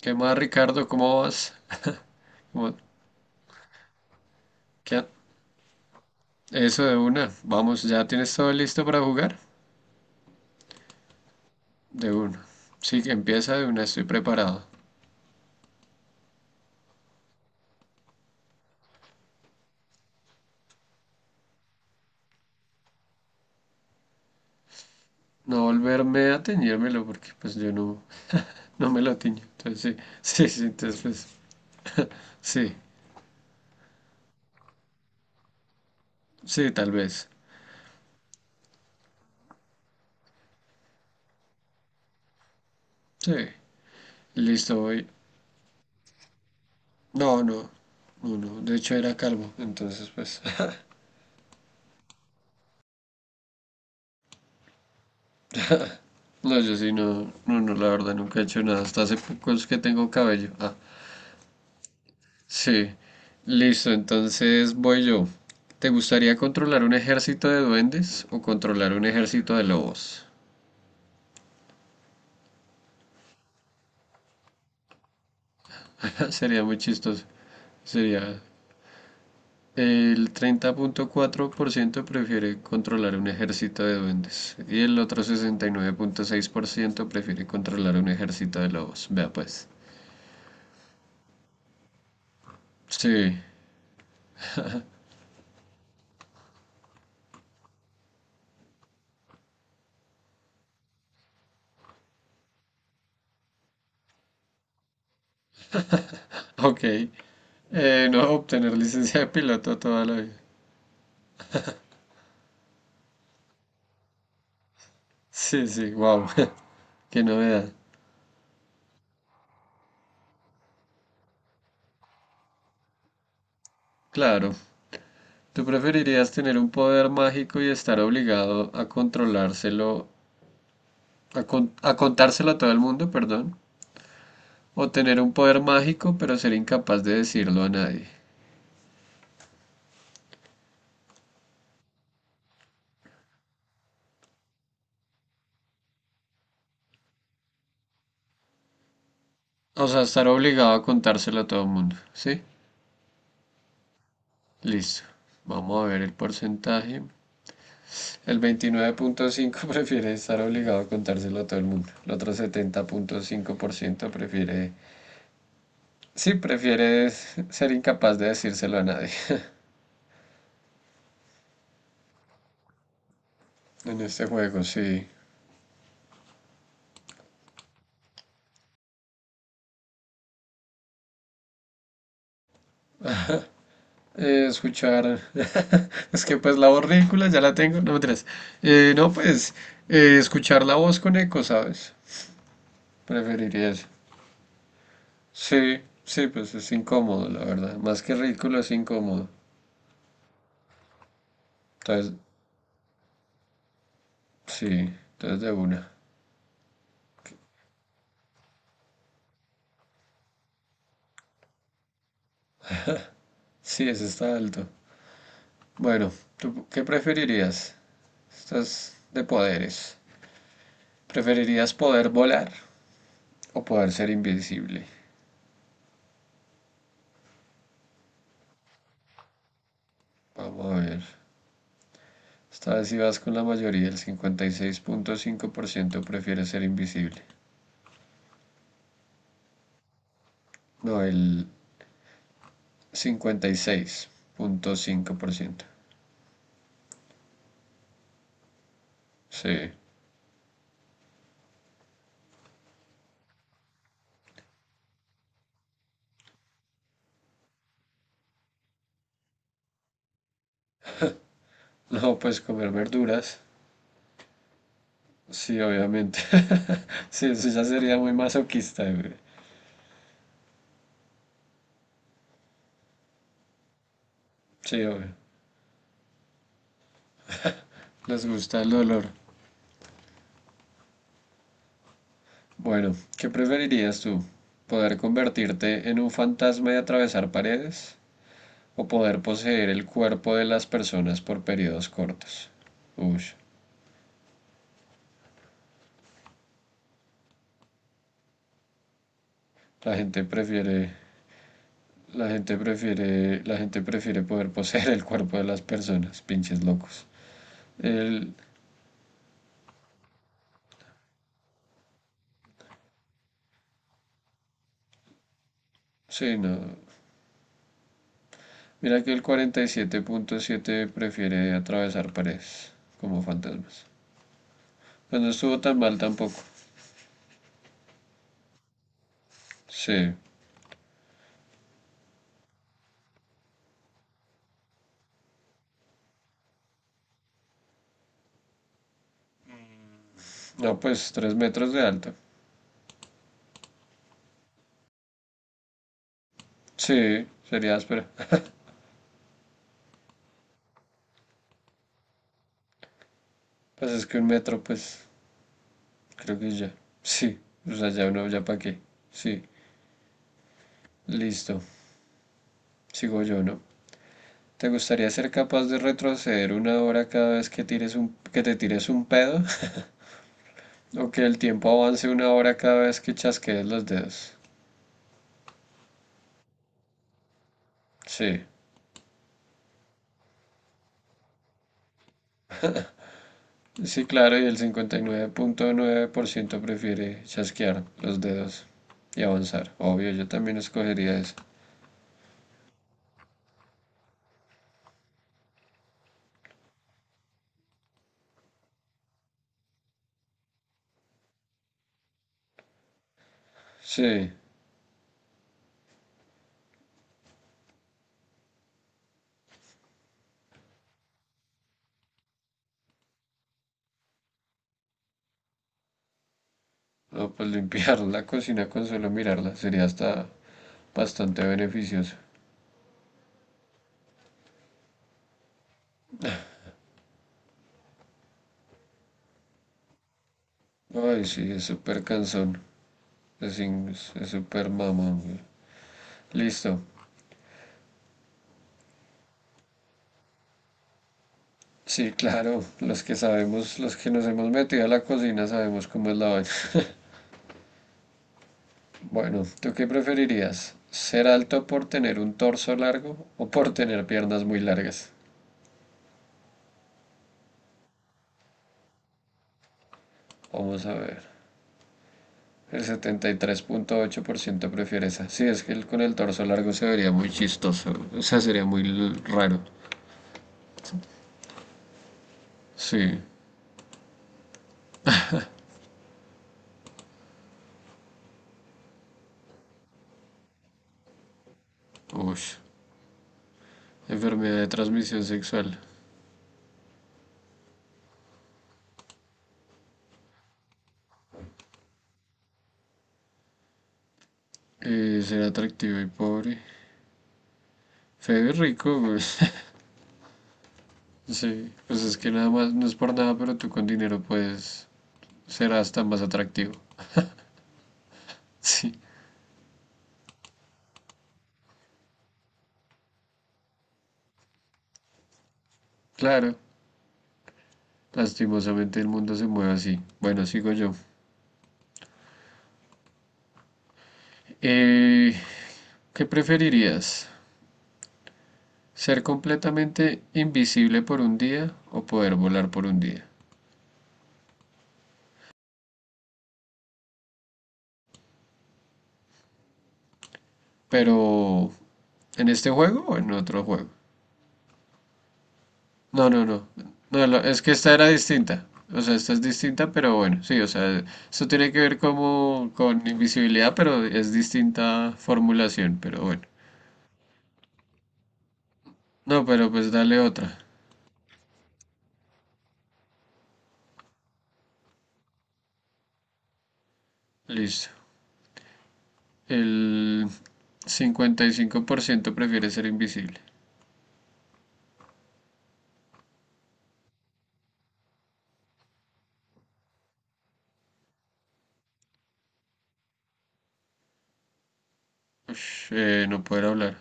¿Qué más, Ricardo? ¿Cómo vas? ¿Cómo- qué- Eso de una. Vamos, ¿ya tienes todo listo para jugar? De una. Sí, que empieza de una, estoy preparado. No volverme a teñírmelo porque pues yo no, no me lo tiño. Entonces sí, sí, entonces sí, sí, tal vez. Sí, listo, voy. No, no, no, de hecho era calvo, entonces pues... No, yo sí, no, la verdad nunca he hecho nada. Hasta hace poco es que tengo cabello. Ah. Sí, listo, entonces voy yo. ¿Te gustaría controlar un ejército de duendes o controlar un ejército de lobos? Sería muy chistoso. Sería El treinta punto cuatro por ciento prefiere controlar un ejército de duendes y el otro sesenta y nueve punto seis por ciento prefiere controlar un ejército de lobos. Vea pues. Sí, ok. No obtener licencia de piloto toda la vida. Sí, sí, wow. Qué novedad. Claro. ¿Tú preferirías tener un poder mágico y estar obligado a controlárselo, a, a contárselo a todo el mundo, perdón? ¿O tener un poder mágico pero ser incapaz de decirlo a nadie? O sea, estar obligado a contárselo a todo el mundo, ¿sí? Listo. Vamos a ver el porcentaje. El veintinueve punto cinco prefiere estar obligado a contárselo a todo el mundo. El otro setenta punto cinco por ciento prefiere... Sí, prefiere ser incapaz de decírselo a nadie. En este juego, sí. Escuchar. Es que pues la voz ridícula ya la tengo, no me no, pues escuchar la voz con eco, ¿sabes? Preferiría eso. Sí, sí, pues es incómodo, la verdad. Más que ridículo es incómodo. Entonces, sí, entonces de una. Sí, ese está alto. Bueno, ¿tú qué preferirías? Estás de poderes. ¿Preferirías poder volar o poder ser invisible? Vamos a ver. Esta vez ibas con la mayoría, el 56.5% prefiere ser invisible. No, el 56.5%. Sí. No, pues comer verduras. Sí, obviamente. Sí, eso ya sería muy masoquista, güey. Sí, obvio. Les gusta el dolor. Bueno, ¿qué preferirías tú? ¿Poder convertirte en un fantasma y atravesar paredes? ¿O poder poseer el cuerpo de las personas por periodos cortos? Uy, la gente prefiere La gente prefiere, la gente prefiere poder poseer el cuerpo de las personas, pinches locos. El, sí, no. Mira que el 47.7 prefiere atravesar paredes como fantasmas. Pues no estuvo tan mal tampoco. Sí. No, pues tres metros de alto. Sí, sería áspera. Pues es que un metro, pues creo que ya. Sí. O sea, ya uno, ya para qué. Sí. Listo. Sigo yo, ¿no? ¿Te gustaría ser capaz de retroceder una hora cada vez que tires un, que te tires un pedo? ¿O que el tiempo avance una hora cada vez que chasquees los dedos? Sí, sí, claro, y el 59.9% prefiere chasquear los dedos y avanzar. Obvio, yo también escogería eso. Sí, no, pues limpiar la cocina con solo mirarla sería hasta bastante beneficioso. Ay, sí, es súper cansón. Es súper mamón. Güey. Listo. Sí, claro, los que sabemos, los que nos hemos metido a la cocina sabemos cómo es la vaina. Bueno, ¿tú qué preferirías? ¿Ser alto por tener un torso largo o por tener piernas muy largas? Vamos a ver. El setenta y tres punto ocho por ciento prefiere esa. Sí, es que con el torso largo se vería muy chistoso. O sea, sería raro. Sí. Uy. Enfermedad de transmisión sexual. Ser atractivo y pobre. Feo y rico, pues. Sí, pues es que nada más, no es por nada, pero tú con dinero puedes ser hasta más atractivo. Sí, claro, lastimosamente el mundo se mueve así. Bueno, sigo yo. Eh, ¿Qué preferirías? ¿Ser completamente invisible por un día o poder volar por un día? Pero, ¿en este juego o en otro juego? No. No, es que esta era distinta. O sea, esta es distinta, pero bueno, sí, o sea, esto tiene que ver como con invisibilidad, pero es distinta formulación, pero bueno. No, pero pues dale otra. Listo. El 55% prefiere ser invisible. Ush, no poder hablar.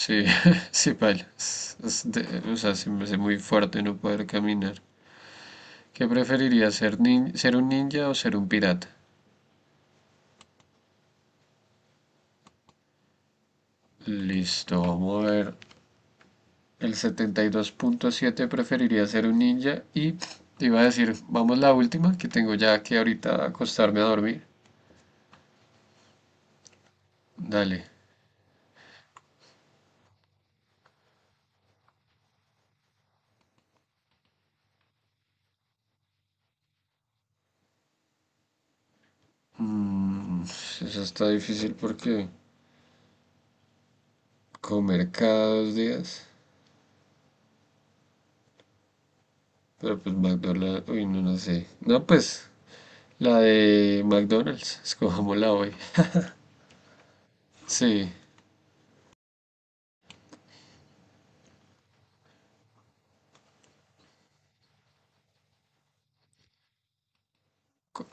Sí, sí, paila. O sea, se me hace muy fuerte no poder caminar. ¿Qué preferiría ser, ser un ninja o ser un pirata? Listo, vamos a ver. El setenta y dos punto siete preferiría ser un ninja y te iba a decir, vamos la última que tengo ya que ahorita acostarme a dormir. Dale. Mm, eso está difícil porque comer cada dos días. Pero pues McDonald's, uy, no, no sé. No, pues la de McDonald's, escojámosla hoy. Sí, co-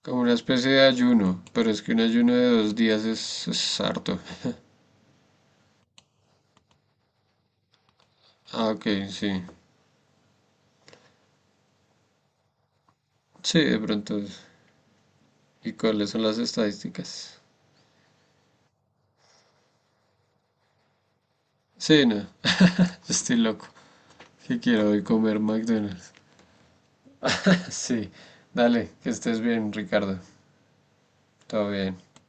como una especie de ayuno, pero es que un ayuno de dos días es harto. Ah, ok, sí. Sí, de pronto. ¿Y cuáles son las estadísticas? Sí, no. Yo Estoy loco. ¿Qué quiero hoy comer? McDonald's. Sí. Dale, que estés bien, Ricardo. Todo bien.